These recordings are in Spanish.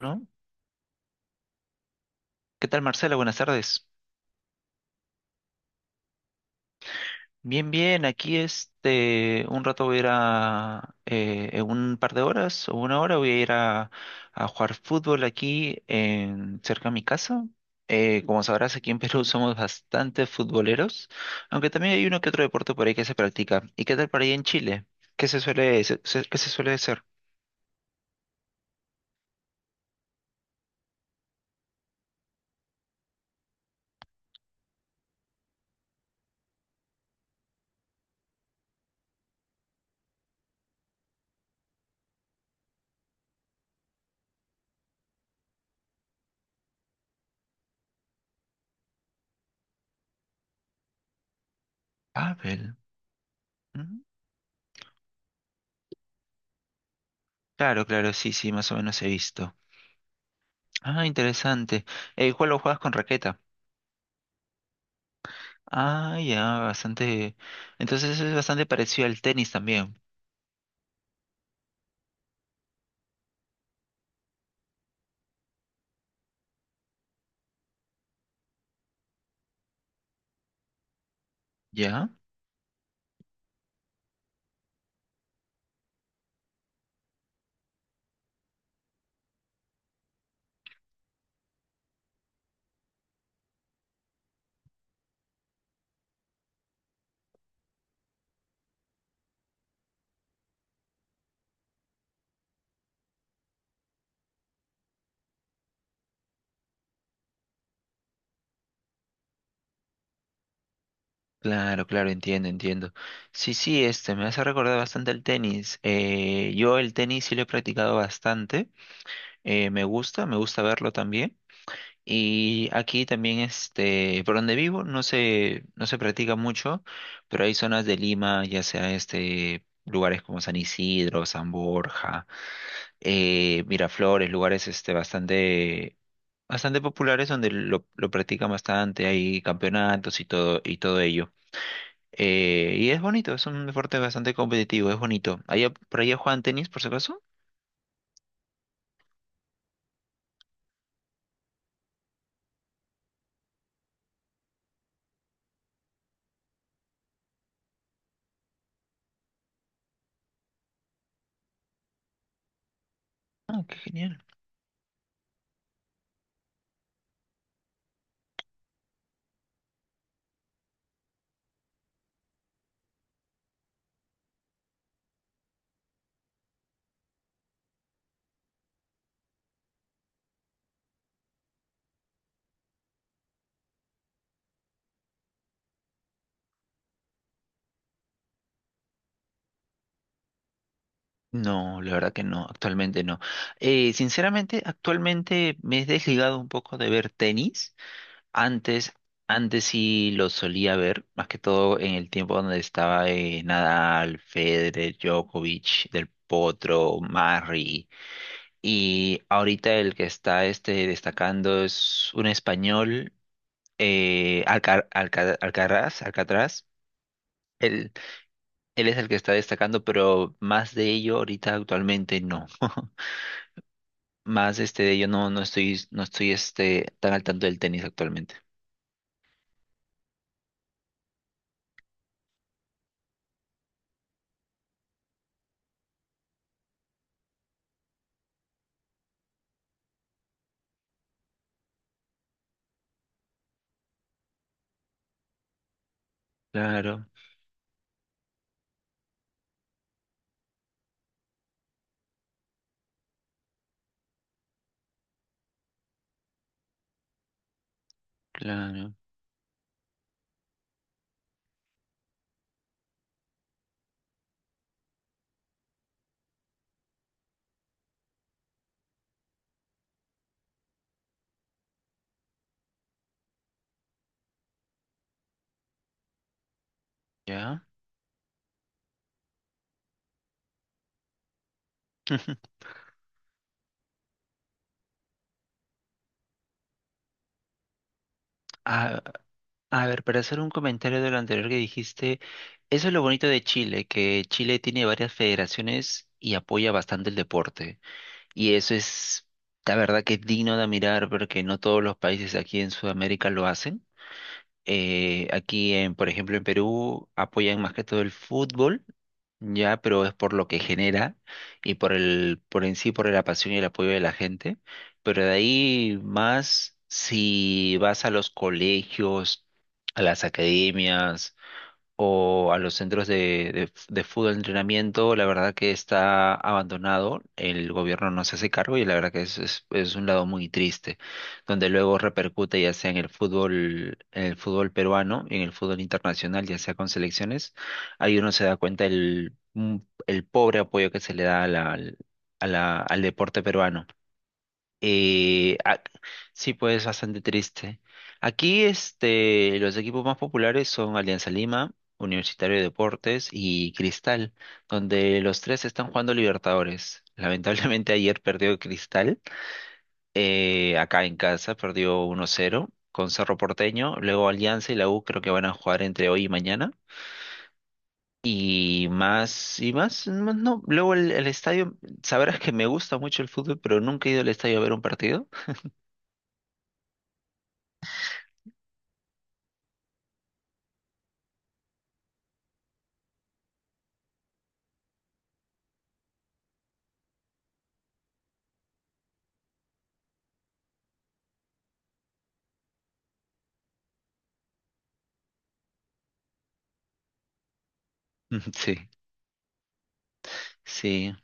¿No? ¿Qué tal, Marcela? Buenas tardes. Bien, bien, aquí un rato voy a ir a, en un par de horas o una hora voy a ir a jugar fútbol aquí en, cerca de mi casa. Como sabrás, aquí en Perú somos bastante futboleros, aunque también hay uno que otro deporte por ahí que se practica. ¿Y qué tal por ahí en Chile? ¿Qué se suele hacer? Pavel. Mm. Claro, claro, sí, sí, más o menos he visto. Ah, interesante. ¿Cuál lo juegas con raqueta? Ah, ya, bastante. Entonces eso es bastante parecido al tenis también, ¿ya? Claro, claro, entiendo, entiendo. Sí, sí, me hace recordar bastante el tenis. Yo el tenis sí lo he practicado bastante. Me gusta verlo también. Y aquí también, por donde vivo, no se practica mucho, pero hay zonas de Lima, ya sea lugares como San Isidro, San Borja, Miraflores, lugares bastante bastante populares donde lo practican bastante, hay campeonatos y todo ello. Y es bonito, es un deporte bastante competitivo, es bonito. ¿Allá, por allá juegan tenis, por si acaso? Ah, qué genial. No, la verdad que no, actualmente no. Sinceramente, actualmente me he desligado un poco de ver tenis. Antes, antes sí lo solía ver, más que todo en el tiempo donde estaba Nadal, Federer, Djokovic, Del Potro, Murray. Y ahorita el que está destacando es un español, Alcaraz, Alcatraz. Él, él es el que está destacando, pero más de ello ahorita actualmente no. Más de ello no, no estoy tan al tanto del tenis actualmente. Claro, claro, ya. A, a ver, para hacer un comentario de lo anterior que dijiste, eso es lo bonito de Chile, que Chile tiene varias federaciones y apoya bastante el deporte. Y eso es, la verdad que es digno de mirar porque no todos los países aquí en Sudamérica lo hacen. Aquí, en, por ejemplo, en Perú apoyan más que todo el fútbol, ya, pero es por lo que genera y por en sí, por la pasión y el apoyo de la gente. Pero de ahí más, si vas a los colegios, a las academias o a los centros de fútbol de entrenamiento, la verdad que está abandonado, el gobierno no se hace cargo y la verdad que es un lado muy triste, donde luego repercute ya sea en el fútbol peruano y en el fútbol internacional, ya sea con selecciones, ahí uno se da cuenta el pobre apoyo que se le da al deporte peruano. Ah, sí, pues bastante triste. Aquí los equipos más populares son Alianza Lima, Universitario de Deportes y Cristal, donde los tres están jugando Libertadores. Lamentablemente ayer perdió Cristal, acá en casa perdió 1-0 con Cerro Porteño, luego Alianza y la U creo que van a jugar entre hoy y mañana. Y más, no, no, luego el estadio, sabrás que me gusta mucho el fútbol, pero nunca he ido al estadio a ver un partido. Sí. Sí,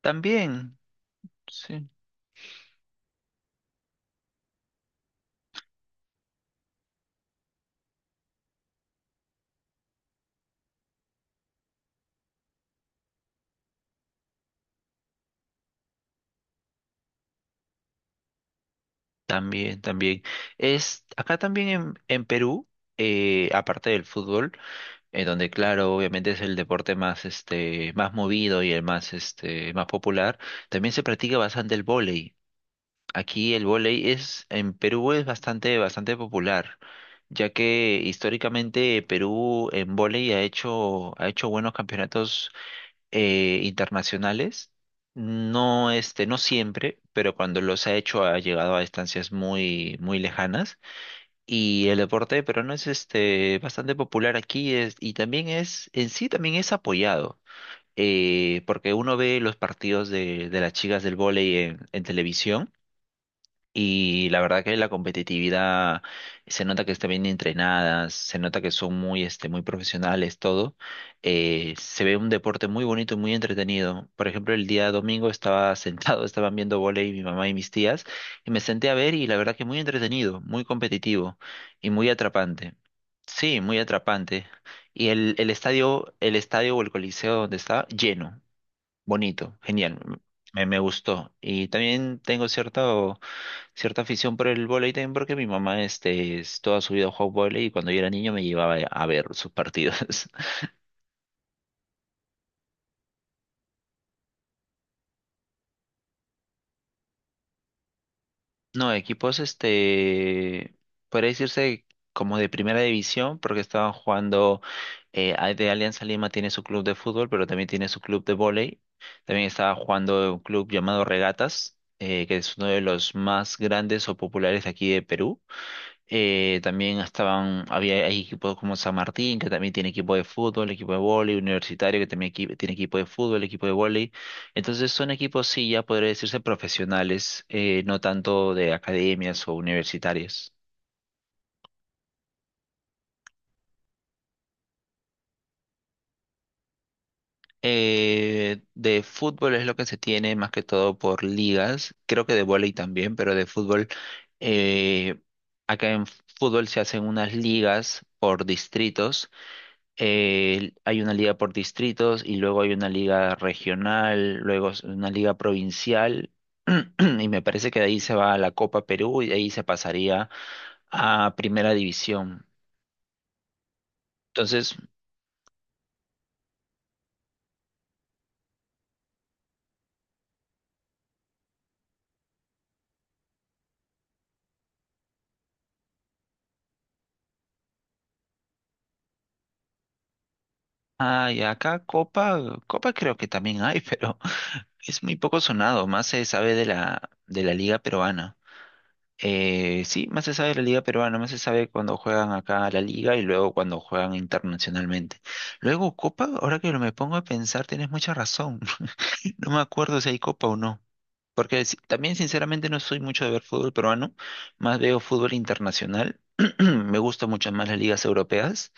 también, sí, también, también. Es acá también en Perú, aparte del fútbol, donde claro, obviamente es el deporte más más movido y el más más popular, también se practica bastante el vóley. Aquí el vóley es, en Perú es bastante, bastante popular, ya que históricamente Perú en vóley ha hecho buenos campeonatos internacionales. No, no siempre, pero cuando los ha hecho ha llegado a distancias muy, muy lejanas. Y el deporte peruano es bastante popular aquí es, y también es, en sí también es apoyado, porque uno ve los partidos de las chicas del vóley en televisión y la verdad que la competitividad se nota que están bien entrenadas, se nota que son muy, muy profesionales, todo. Se ve un deporte muy bonito y muy entretenido. Por ejemplo, el día domingo estaba sentado, estaban viendo vóley mi mamá y mis tías, y me senté a ver y la verdad que muy entretenido, muy competitivo y muy atrapante. Sí, muy atrapante. Y el estadio, el estadio o el coliseo donde estaba, lleno, bonito, genial. Me gustó. Y también tengo cierto cierta afición por el vóley también porque mi mamá es toda su vida ha jugado vóley y cuando yo era niño me llevaba a ver sus partidos. No, equipos, podría decirse como de primera división porque estaban jugando, de Alianza Lima tiene su club de fútbol, pero también tiene su club de vóley. También estaba jugando un club llamado Regatas, que es uno de los más grandes o populares de aquí de Perú. También estaban, había hay equipos como San Martín, que también tiene equipo de fútbol, equipo de vóley, Universitario, que también tiene equipo de fútbol, equipo de vóley. Entonces son equipos, sí, ya podría decirse profesionales, no tanto de academias o universitarios. De fútbol es lo que se tiene más que todo por ligas, creo que de vóley también, pero de fútbol, eh, acá en fútbol se hacen unas ligas por distritos, hay una liga por distritos y luego hay una liga regional, luego es una liga provincial. Y me parece que de ahí se va a la Copa Perú y de ahí se pasaría a Primera División. Entonces, ay, acá Copa creo que también hay, pero es muy poco sonado, más se sabe de la Liga Peruana. Sí, más se sabe de la liga peruana, más se sabe cuando juegan acá a la liga y luego cuando juegan internacionalmente. Luego Copa, ahora que me pongo a pensar, tienes mucha razón. No me acuerdo si hay Copa o no. Porque también sinceramente no soy mucho de ver fútbol peruano, más veo fútbol internacional. Me gustan mucho más las ligas europeas.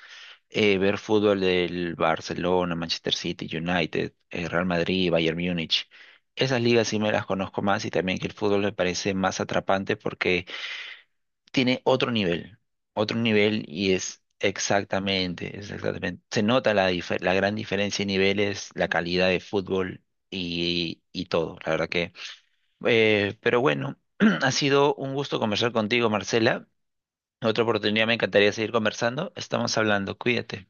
Ver fútbol del Barcelona, Manchester City, United, Real Madrid, Bayern Múnich. Esas ligas sí me las conozco más y también que el fútbol me parece más atrapante porque tiene otro nivel y es exactamente, se nota la gran diferencia de niveles, la calidad de fútbol y todo, la verdad que. Pero bueno, ha sido un gusto conversar contigo, Marcela. En otra oportunidad me encantaría seguir conversando. Estamos hablando, cuídate.